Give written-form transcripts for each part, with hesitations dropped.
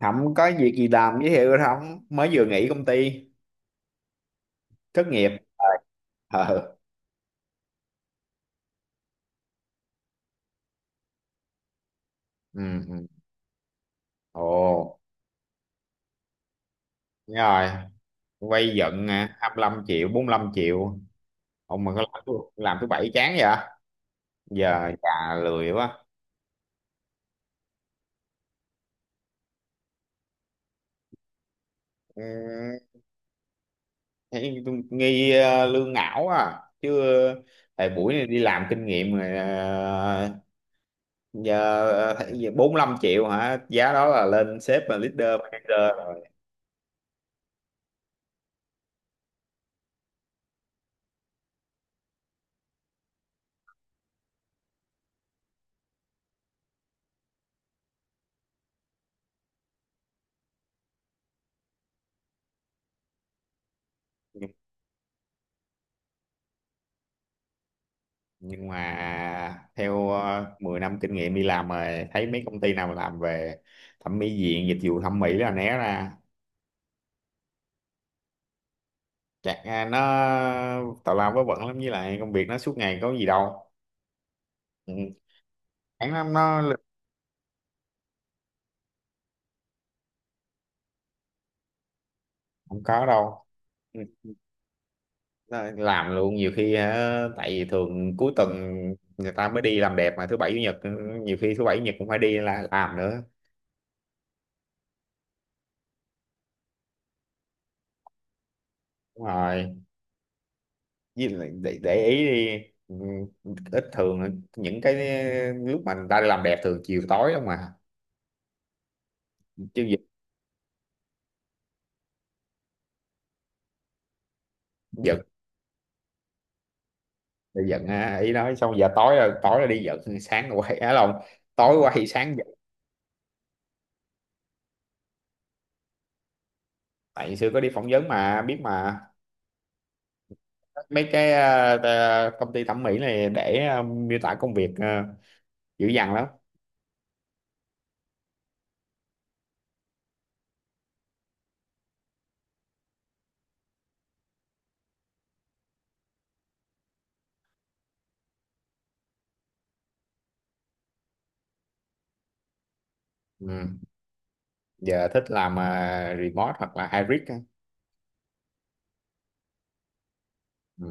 Không có việc gì làm giới thiệu không mới vừa nghỉ công ty thất nghiệp. Ờ. Ừ. Ừ. Ừ. Ồ. Đúng rồi. Quay giận à, 25 triệu 45 triệu. Ông mà có làm thứ bảy chán vậy. Giờ già lười quá. Ừ, thấy tôi nghi lương ngảo à chứ. ờ, thời buổi này đi làm kinh nghiệm rồi. Thấy gì, 45 triệu hả, giá đó là lên sếp và leader manager rồi. Nhưng mà theo 10 năm kinh nghiệm đi làm rồi, thấy mấy công ty nào làm về thẩm mỹ viện, dịch vụ thẩm mỹ là né ra. Nó tào lao vớ vẩn lắm, với lại công việc nó suốt ngày có gì đâu. Ừ. Chán lắm nó. Không có đâu. Ừ. Nó làm luôn nhiều khi hả, tại vì thường cuối tuần người ta mới đi làm đẹp, mà thứ bảy chủ nhật ừ, nhiều khi thứ bảy chủ nhật cũng phải đi là làm nữa. Đúng rồi, với lại để ý đi ừ, ít thường những cái lúc mà người ta đi làm đẹp thường chiều tối không mà, chứ gi- giận thì giận à, ý nói xong giờ tối rồi, tối là đi giận sáng rồi quay á lòng, tối quay sáng giận. Tại xưa có đi phỏng vấn mà biết mà, mấy cái công ty thẩm mỹ này để miêu tả công việc dữ dằn lắm. Ừ. Giờ thích làm remote hoặc là hybrid á. Ừ.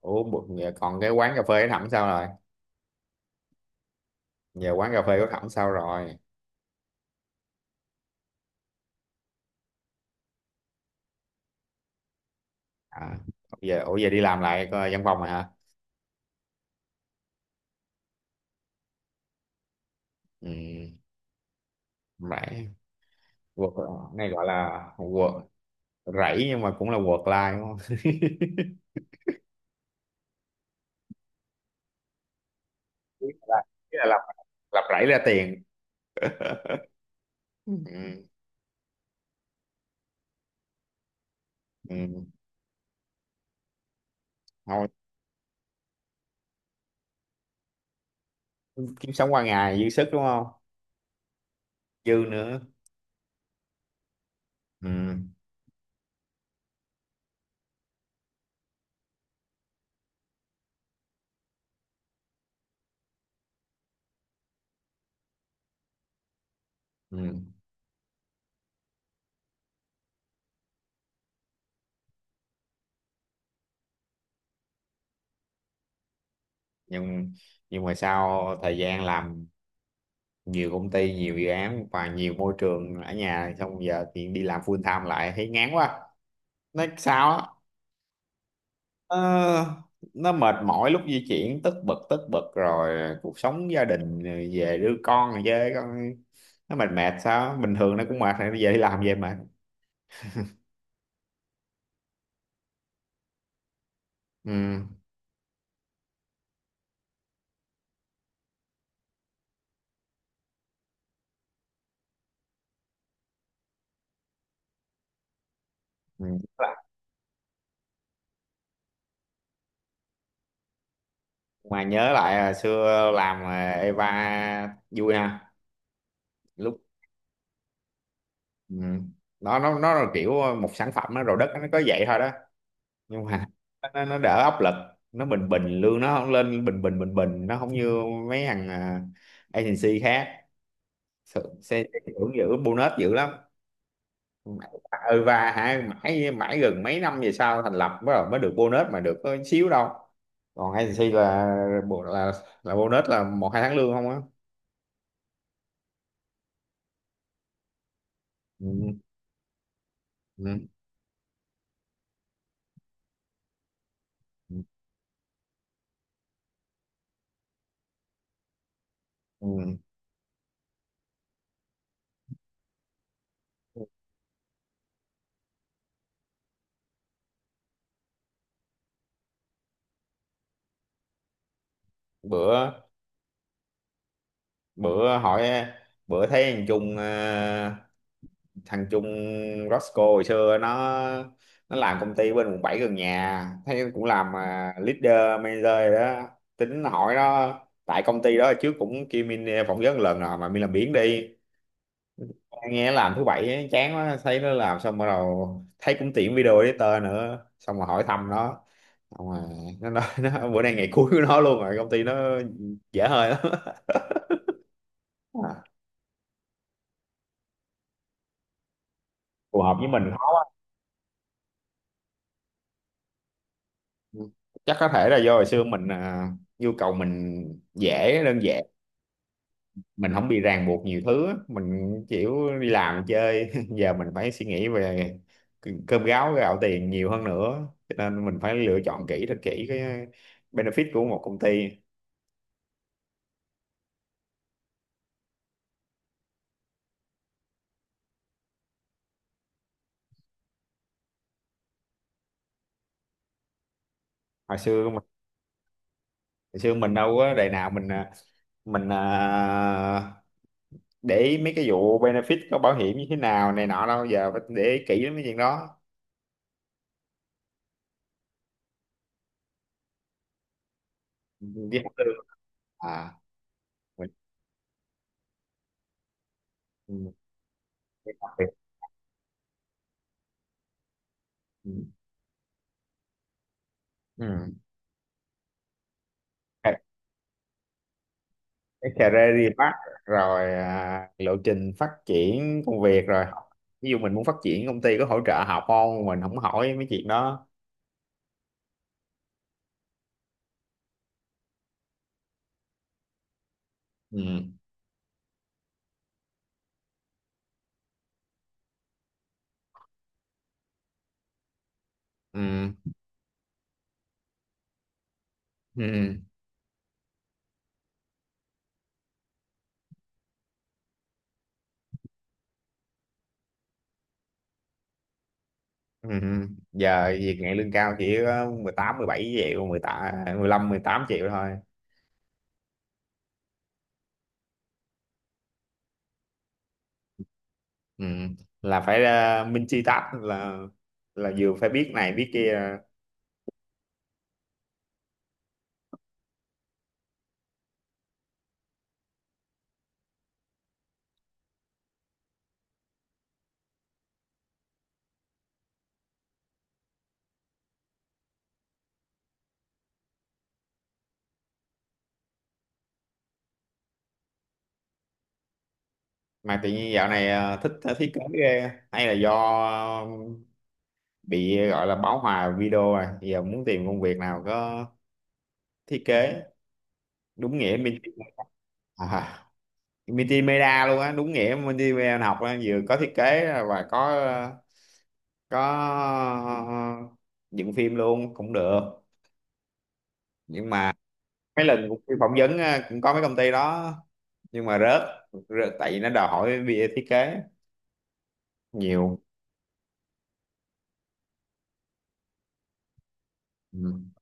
Ủa, giờ còn cái quán cà phê của Thẩm sao rồi? Giờ quán cà phê của Thẩm sao rồi? À, giờ ủa giờ đi làm lại coi văn phòng rồi hả? Ừ. Rẫy. Work này gọi là work. Rẫy nhưng mà cũng là work life đúng không? Ý là, ý là lập lập rẫy ra tiền. Ừ. Ừ. Thôi. Kiếm sống qua ngày dư sức đúng không? Dư nữa. Ừ. Ừ. Nhưng nhưng mà sau thời gian làm nhiều công ty, nhiều dự án và nhiều môi trường ở nhà, xong giờ thì đi làm full time lại thấy ngán quá. Nói sao á? Ờ, nó mệt mỏi lúc di chuyển, tất bật tất bật, rồi cuộc sống gia đình rồi về đưa con rồi với con, nó mệt mệt sao, bình thường nó cũng mệt rồi, nó về đi làm về mệt. Ừ. Ừ. Mà nhớ lại hồi xưa làm Eva vui ha. Lúc ừ. Nó nó là kiểu một sản phẩm nó rồi đất nó có vậy thôi đó, nhưng mà nó đỡ áp lực. Nó bình bình, lương nó không lên, bình bình bình bình, nó không như mấy agency khác. Xe xe hưởng dữ, bonus dữ lắm. Ừ, và hả mãi mãi gần mấy năm về sau thành lập mới mới được bonus mà được có xíu đâu. Còn agency là, bộ- là là bonus là một hai tháng lương không á. Ừ. Ừ. Ừ. Ừ. Bữa, bữa bữa thấy thằng thằng Trung Roscoe hồi xưa nó làm công ty bên quận 7 gần nhà, thấy cũng làm leader manager rồi đó. Tính hỏi nó, tại công ty đó trước cũng kêu Min phỏng vấn lần rồi mà Min làm biếng đi nghe làm thứ bảy ấy, chán quá, thấy nó làm xong bắt đầu thấy cũng tiện video editor nữa, xong rồi hỏi thăm nó, xong rồi nó nói nó, bữa nay ngày cuối của nó luôn rồi, công ty nó dễ hơi lắm. À, phù hợp với mình không? Chắc có thể là do hồi xưa nhu cầu mình dễ, đơn giản, mình không bị ràng buộc nhiều thứ á. Mình chịu đi làm chơi. Giờ mình phải suy nghĩ về cơm gáo gạo tiền nhiều hơn nữa, cho nên mình phải lựa chọn kỹ, thật kỹ cái benefit của một công ty. hồi xưa mình hồi xưa mình đâu có đời nào mình để ý mấy cái vụ benefit có bảo hiểm như thế nào này nọ đâu, giờ phải để ý kỹ lắm cái chuyện đó. Đi học lương. À. mình, mình, mình, ừ. Ừ. Cái career path, rồi lộ trình phát triển công việc, rồi học. Ví dụ mình muốn phát triển, công ty có hỗ trợ học không, mình không hỏi mấy chuyện đó. Ừ. Ừ. Ừ. Ừ. Ừ. Giờ việc nhẹ lương cao chỉ có 18 17 triệu 18 15 18 triệu thôi. Ừ, là phải minh chi tách là vừa phải biết này biết kia. Mà tự nhiên dạo này thích thiết kế ghê, hay là do ờ, bị gọi là bão hòa video rồi, giờ muốn tìm công việc nào có thiết kế, đúng nghĩa multimedia. à, multimedia luôn á, đúng nghĩa multimedia học á, vừa có thiết kế và có dựng phim luôn cũng được. Nhưng mà mấy lần cũng đi phỏng vấn á, cũng có mấy công ty đó, nhưng mà rớt tại vì nó đòi hỏi bia thiết kế nhiều. Ừ.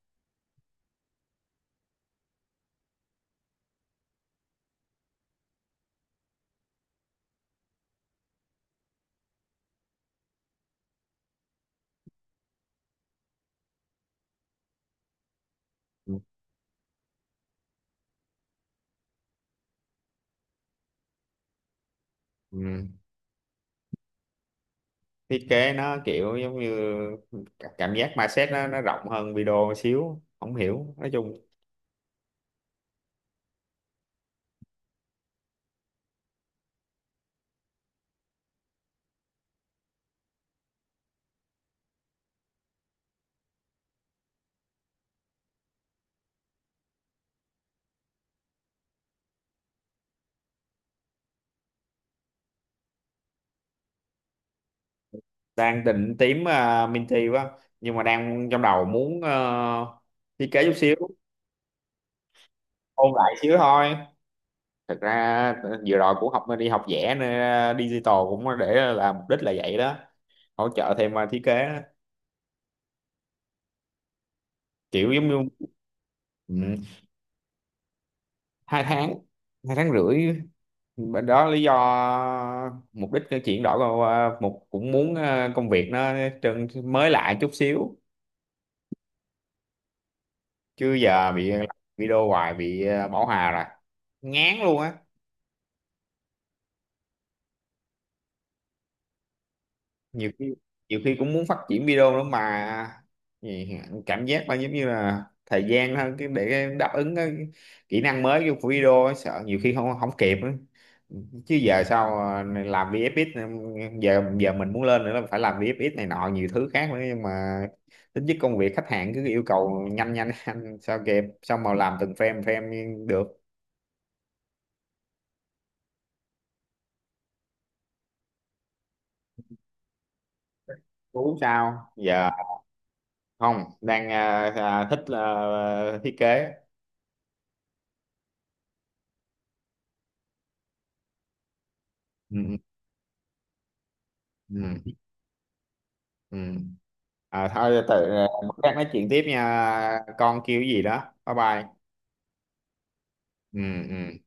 Ừ. Ừ. Thiết kế nó kiểu giống như cảm giác mindset nó rộng hơn video một xíu, không hiểu nói chung. Đang định tím Minty quá, nhưng mà đang trong đầu muốn thiết kế chút xíu. Ôn lại xíu thôi. Thật ra vừa rồi cũng học, đi học vẽ nên digital cũng để là mục đích là vậy đó, hỗ trợ thêm thiết kế đó. Kiểu giống như ừ, 2 tháng, 2 tháng rưỡi. Đó lý do, mục đích cái chuyển đổi vào, ờ, một cũng muốn công việc nó trơn mới lại chút xíu. Chứ giờ bị làm video hoài bị bảo hòa rồi, ngán luôn á. Nhiều khi, nhiều khi cũng muốn phát triển video nữa mà. Gì- cảm giác là giống như là thời gian hơn cái để đáp ứng cái kỹ năng mới của video ấy, sợ nhiều khi không không kịp ấy. Chứ giờ sao mà làm VFX, giờ giờ mình muốn lên nữa là phải làm VFX này nọ nhiều thứ khác nữa, nhưng mà tính chất công việc khách hàng cứ yêu cầu nhanh nhanh nhanh, sao kịp sao mà làm từng frame frame được. Tú sao giờ? Không, đang thích thiết kế. Ừ. Ừ. Ừ. Ừ. À thôi tự bữa khác nói chuyện tiếp nha. Con kêu cái gì đó. Bye bye. Ừ. Ừ.